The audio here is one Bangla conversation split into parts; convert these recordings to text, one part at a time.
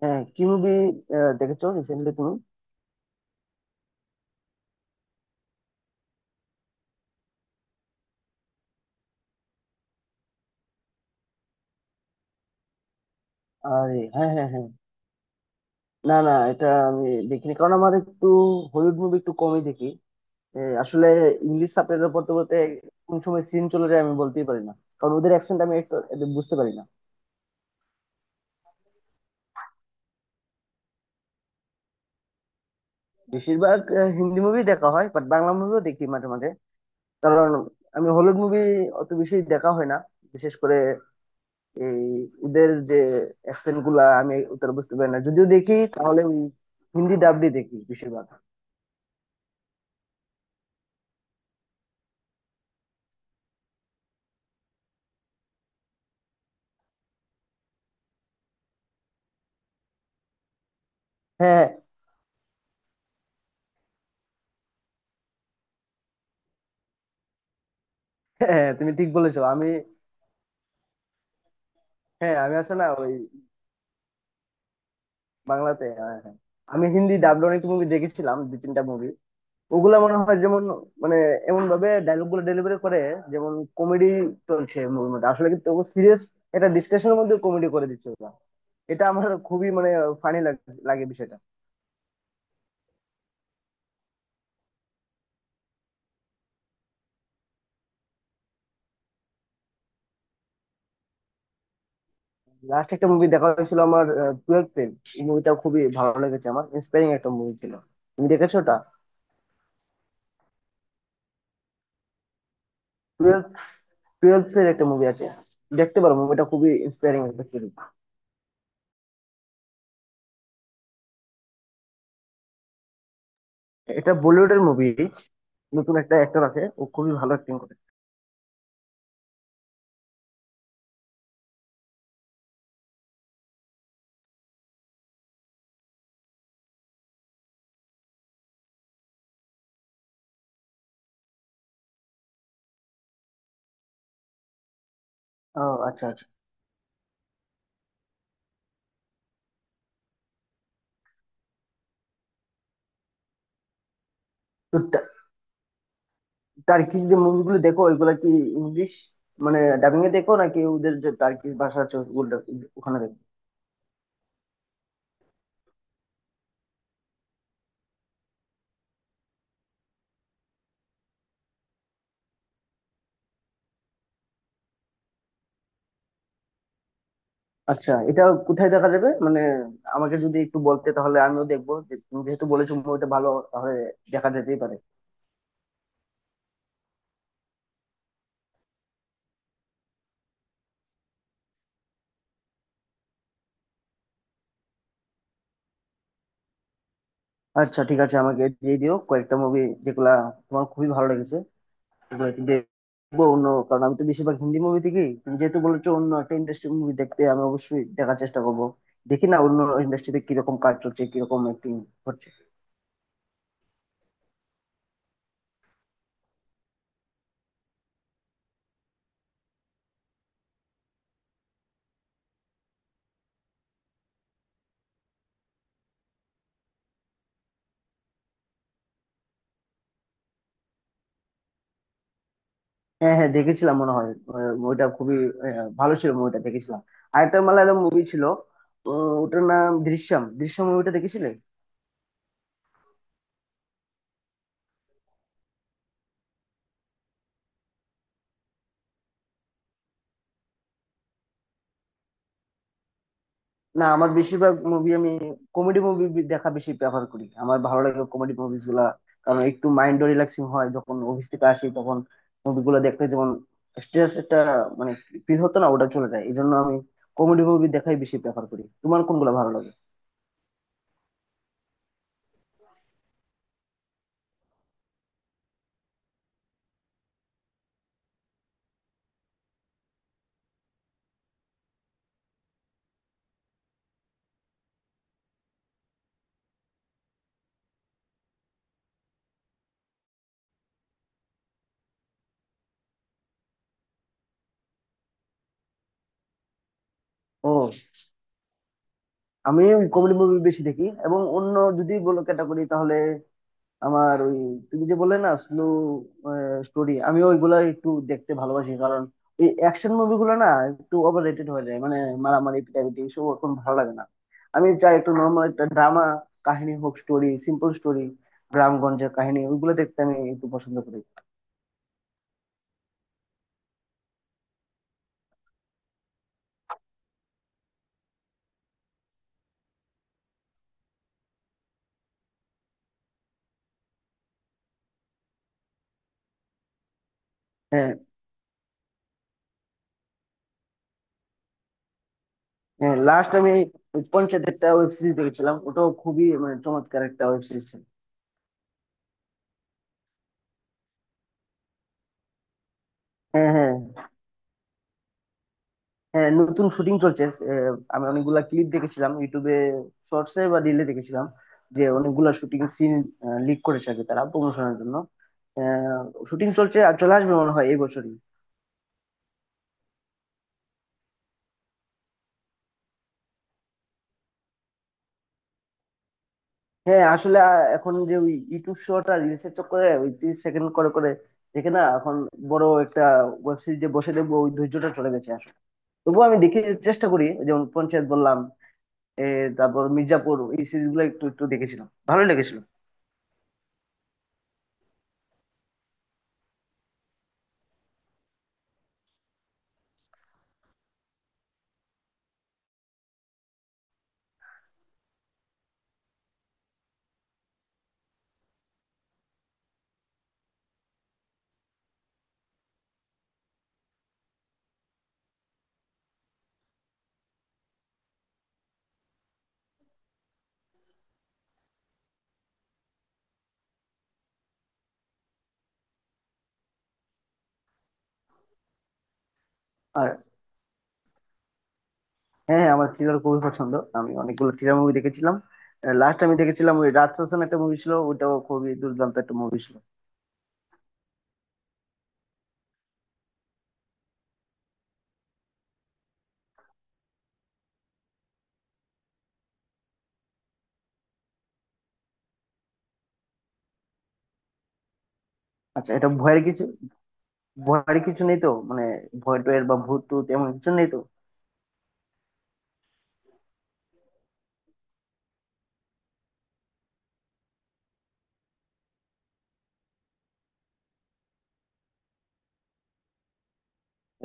হ্যাঁ, কি মুভি দেখেছো রিসেন্টলি তুমি? আর হ্যাঁ হ্যাঁ হ্যাঁ, না না এটা আমি দেখিনি কারণ আমার একটু হলিউড মুভি একটু কমই দেখি। আসলে ইংলিশ সাবটাইটেল পড়তে পড়তে কোন সময় সিন চলে যায় আমি বলতেই পারি না, কারণ ওদের অ্যাকসেন্ট আমি একটু একটু বুঝতে পারি না। বেশিরভাগ হিন্দি মুভি দেখা হয়, বাট বাংলা মুভিও দেখি মাঝে মাঝে। কারণ আমি হলিউড মুভি অত বেশি দেখা হয় না, বিশেষ করে এই ওদের যে অ্যাকসেন্ট গুলা আমি উত্তর বুঝতে পারি না, যদিও দেখি তাহলে ওই হিন্দি ডাবডি দেখি বেশিরভাগ। হ্যাঁ হ্যাঁ, তুমি ঠিক বলেছো। আমি, হ্যাঁ আমি আসলে না ওই বাংলাতে, হ্যাঁ, হ্যাঁ। আমি হিন্দি ডাবড অনেক মুভি দেখেছিলাম, দু তিনটা মুভি। ওগুলা মনে হয় যেমন, মানে এমন ভাবে ডায়লগ গুলো ডেলিভারি করে, যেমন কমেডি চলছে মুভির মধ্যে, আসলে কিন্তু সিরিয়াস একটা ডিসকাশনের মধ্যে কমেডি করে দিচ্ছে ওরা। এটা আমার খুবই মানে ফানি লাগে বিষয়টা। লাস্ট একটা মুভি দেখা হয়েছিল আমার, টুয়েলভ ফেল। এই মুভিটা খুবই ভালো লেগেছে আমার, ইন্সপায়ারিং একটা মুভি ছিল। তুমি দেখেছো ওটা? টুয়েলভ, টুয়েলভ ফেল একটা মুভি আছে, দেখতে পারো মুভিটা, খুবই ইন্সপায়ারিং একটা সিরিজ। এটা বলিউডের মুভি, নতুন একটা অ্যাক্টর আছে, ও খুবই ভালো অ্যাক্টিং করে। ও আচ্ছা আচ্ছা, তো টা- টার্কিশ যে মুভিগুলো দেখো ওইগুলা কি ইংলিশ মানে ডাবিং এ দেখো, নাকি ওদের যে টার্কিশ ভাষা আছে ওগুলো ওখানে দেখো? আচ্ছা এটা কোথায় দেখা যাবে মানে, আমাকে যদি একটু বলতে তাহলে আমিও দেখবো। যে তুমি যেহেতু বলেছো মুভিটা ভালো, তাহলে দেখা যেতেই পারে। আচ্ছা ঠিক আছে, আমাকে দিয়ে দিও কয়েকটা মুভি যেগুলা তোমার খুবই ভালো লেগেছে। এগুলো তো দেখবো অন্য, কারণ আমি তো বেশিরভাগ হিন্দি মুভি দেখি, তুমি যেহেতু বলেছো অন্য একটা ইন্ডাস্ট্রির মুভি দেখতে, আমি অবশ্যই দেখার চেষ্টা করবো। দেখি না অন্য ইন্ডাস্ট্রিতে কিরকম কাজ চলছে, কিরকম অ্যাক্টিং হচ্ছে। হ্যাঁ হ্যাঁ, দেখেছিলাম মনে হয়। ওইটা খুবই ভালো ছিল, মুভিটা দেখেছিলাম। আরেকটা মালায়ালাম মুভি ছিল, ওটার নাম দৃশ্যম। দৃশ্যম মুভিটা দেখেছিলে? না, আমার বেশিরভাগ মুভি আমি কমেডি মুভি দেখা বেশি প্রেফার করি, আমার ভালো লাগে কমেডি মুভিস গুলা। কারণ একটু মাইন্ড রিল্যাক্সিং হয়, যখন অফিস থেকে আসি তখন মুভিগুলো দেখতে যেমন স্ট্রেস একটা মানে ফিল হতো না, ওটা চলে যায়। এই জন্য আমি কমেডি মুভি দেখাই বেশি প্রেফার করি। তোমার কোনগুলো ভালো লাগে? ও, আমি কমেডি মুভি বেশি দেখি, এবং অন্য যদি বলো ক্যাটাগরি তাহলে আমার ওই তুমি যে বললে না স্লো স্টোরি, আমি ওইগুলা একটু দেখতে ভালোবাসি। কারণ ওই অ্যাকশন মুভিগুলো না একটু ওভার রেটেড হয়ে যায় মানে মারামারি পিটাপিটি এসব এখন ভালো লাগে না। আমি চাই একটু নর্মাল একটা ড্রামা কাহিনী হোক, স্টোরি, সিম্পল স্টোরি, গ্রামগঞ্জের কাহিনী ওইগুলো দেখতে আমি একটু পছন্দ করি। হ্যাঁ হ্যাঁ, লাস্ট আমি ওই পঞ্চায়েত একটা ওয়েব সিরিজ দেখেছিলাম, ওটাও খুবই মানে চমৎকার একটা ওয়েব সিরিজ ছিল। হ্যাঁ হ্যাঁ হ্যাঁ, নতুন শুটিং চলছে। আমি অনেকগুলা ক্লিপ দেখেছিলাম ইউটিউবে, শর্টসে বা রিলে দেখেছিলাম যে অনেকগুলা শুটিং সিন লিক করেছে আর কি, তারা প্রমোশনের জন্য। শুটিং চলছে, আর চলে আসবে মনে হয় এই বছরই। হ্যাঁ আসলে এখন যে ওই ইউটিউব শর্ট আর রিলসের চক্করে ওই 30 সেকেন্ড করে করে দেখে না এখন বড় একটা ওয়েব সিরিজ যে বসে দেখবো, ওই ধৈর্যটা চলে গেছে আসলে। তবুও আমি দেখে চেষ্টা করি, যেমন পঞ্চায়েত বললাম, এ, তারপর মির্জাপুর এই সিরিজ গুলো একটু একটু দেখেছিলাম, ভালো লেগেছিল। আর হ্যাঁ হ্যাঁ, আমার থ্রিলার খুবই পছন্দ, আমি অনেকগুলো থ্রিলার মুভি দেখেছিলাম। লাস্ট আমি দেখেছিলাম ওই রাজ শাসন একটা মুভি ছিল, ওটাও খুবই দুর্দান্ত একটা মুভি ছিল। আচ্ছা এটা ভয়ের কিছু, ভয়ের কিছু নেই তো মানে ভয় টয়ের বা ভূত টুত এমন কিছু নেই তো?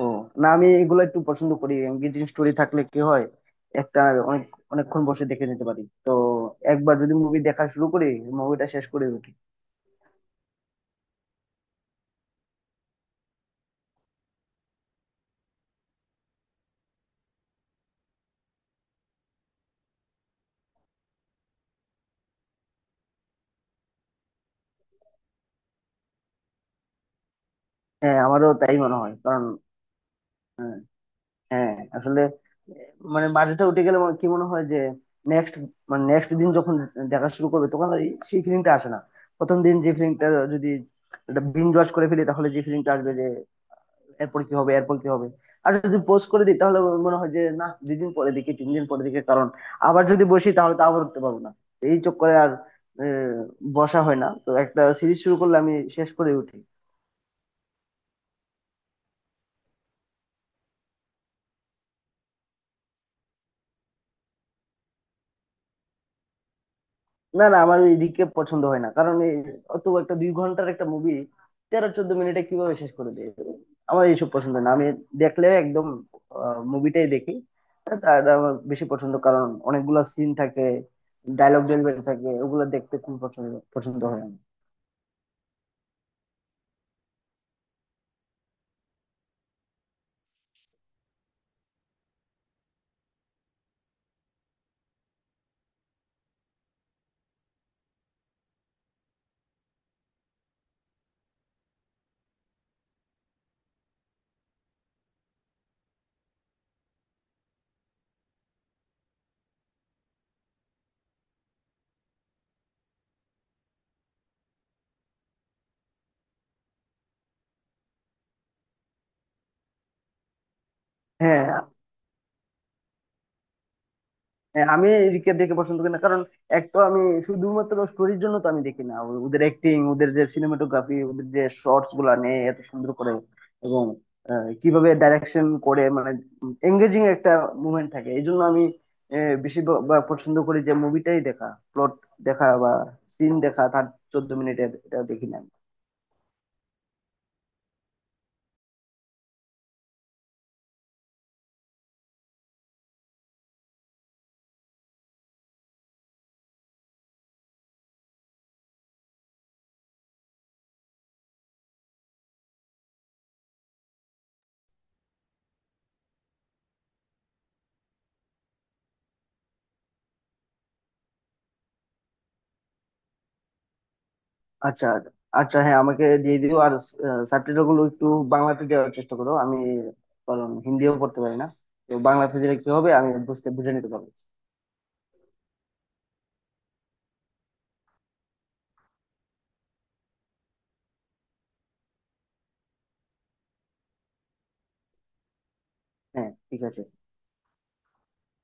ও, না আমি এগুলো একটু পছন্দ করি এঙ্গেজিং স্টোরি থাকলে, কি হয় একটা অনেক অনেকক্ষণ বসে দেখে নিতে পারি তো। একবার যদি মুভি দেখা শুরু করি, মুভিটা শেষ করে উঠি। হ্যাঁ আমারও তাই মনে হয়, কারণ হ্যাঁ আসলে মানে বাজেটটা উঠে গেলে আমার কি মনে হয় যে নেক্সট মানে নেক্সট দিন যখন দেখা শুরু করবে তখন আর সেই ফিলিংটা আসে না। প্রথম দিন যে ফিলিংটা, যদি এটা বিঞ্জ ওয়াচ করে ফেলি তাহলে যে ফিলিংটা আসবে যে এরপর কি হবে, এরপর কি হবে। আর যদি পোস্ট করে দিই তাহলে মনে হয় যে না 2 দিন পরে দেখি, 3 দিন পরে দেখি, কারণ আবার যদি বসি তাহলে তো আবার উঠতে পারবো না। এই চক্করে আর আহ, বসা হয় না। তো একটা সিরিজ শুরু করলে আমি শেষ করে উঠি। না না, আমার ওই রিকেপ পছন্দ হয় না, কারণ এই অত একটা 2 ঘন্টার একটা মুভি 13-14 মিনিটে কিভাবে শেষ করে দেয়, আমার এইসব পছন্দ না। আমি দেখলে একদম মুভিটাই দেখি, তার আমার বেশি পছন্দ, কারণ অনেকগুলা সিন থাকে, ডায়লগ ডেলিভারি থাকে, ওগুলো দেখতে খুব পছন্দ পছন্দ হয় আমার। হ্যাঁ হ্যাঁ, আমি রিকে দেখে পছন্দ করি না, কারণ এক তো আমি শুধুমাত্র স্টোরির জন্য তো আমি দেখি না, ওদের অ্যাক্টিং, ওদের যে সিনেমাটোগ্রাফি, ওদের যে শর্টস গুলা নেয় এত সুন্দর করে, এবং কিভাবে ডাইরেকশন করে মানে এঙ্গেজিং একটা মুভমেন্ট থাকে, এই জন্য আমি বেশি বা পছন্দ করি যে মুভিটাই দেখা, প্লট দেখা বা সিন দেখা, তার 14 মিনিটের এটা দেখি না। আচ্ছা আচ্ছা হ্যাঁ, আমাকে দিয়ে দিও। আর সাবটাইটেল গুলো একটু বাংলাতে দেওয়ার চেষ্টা করো, আমি কারণ হিন্দিও পড়তে পারি না, তো বাংলাতে দিলে কি হবে আমি বুঝে নিতে পারবো। হ্যাঁ ঠিক আছে।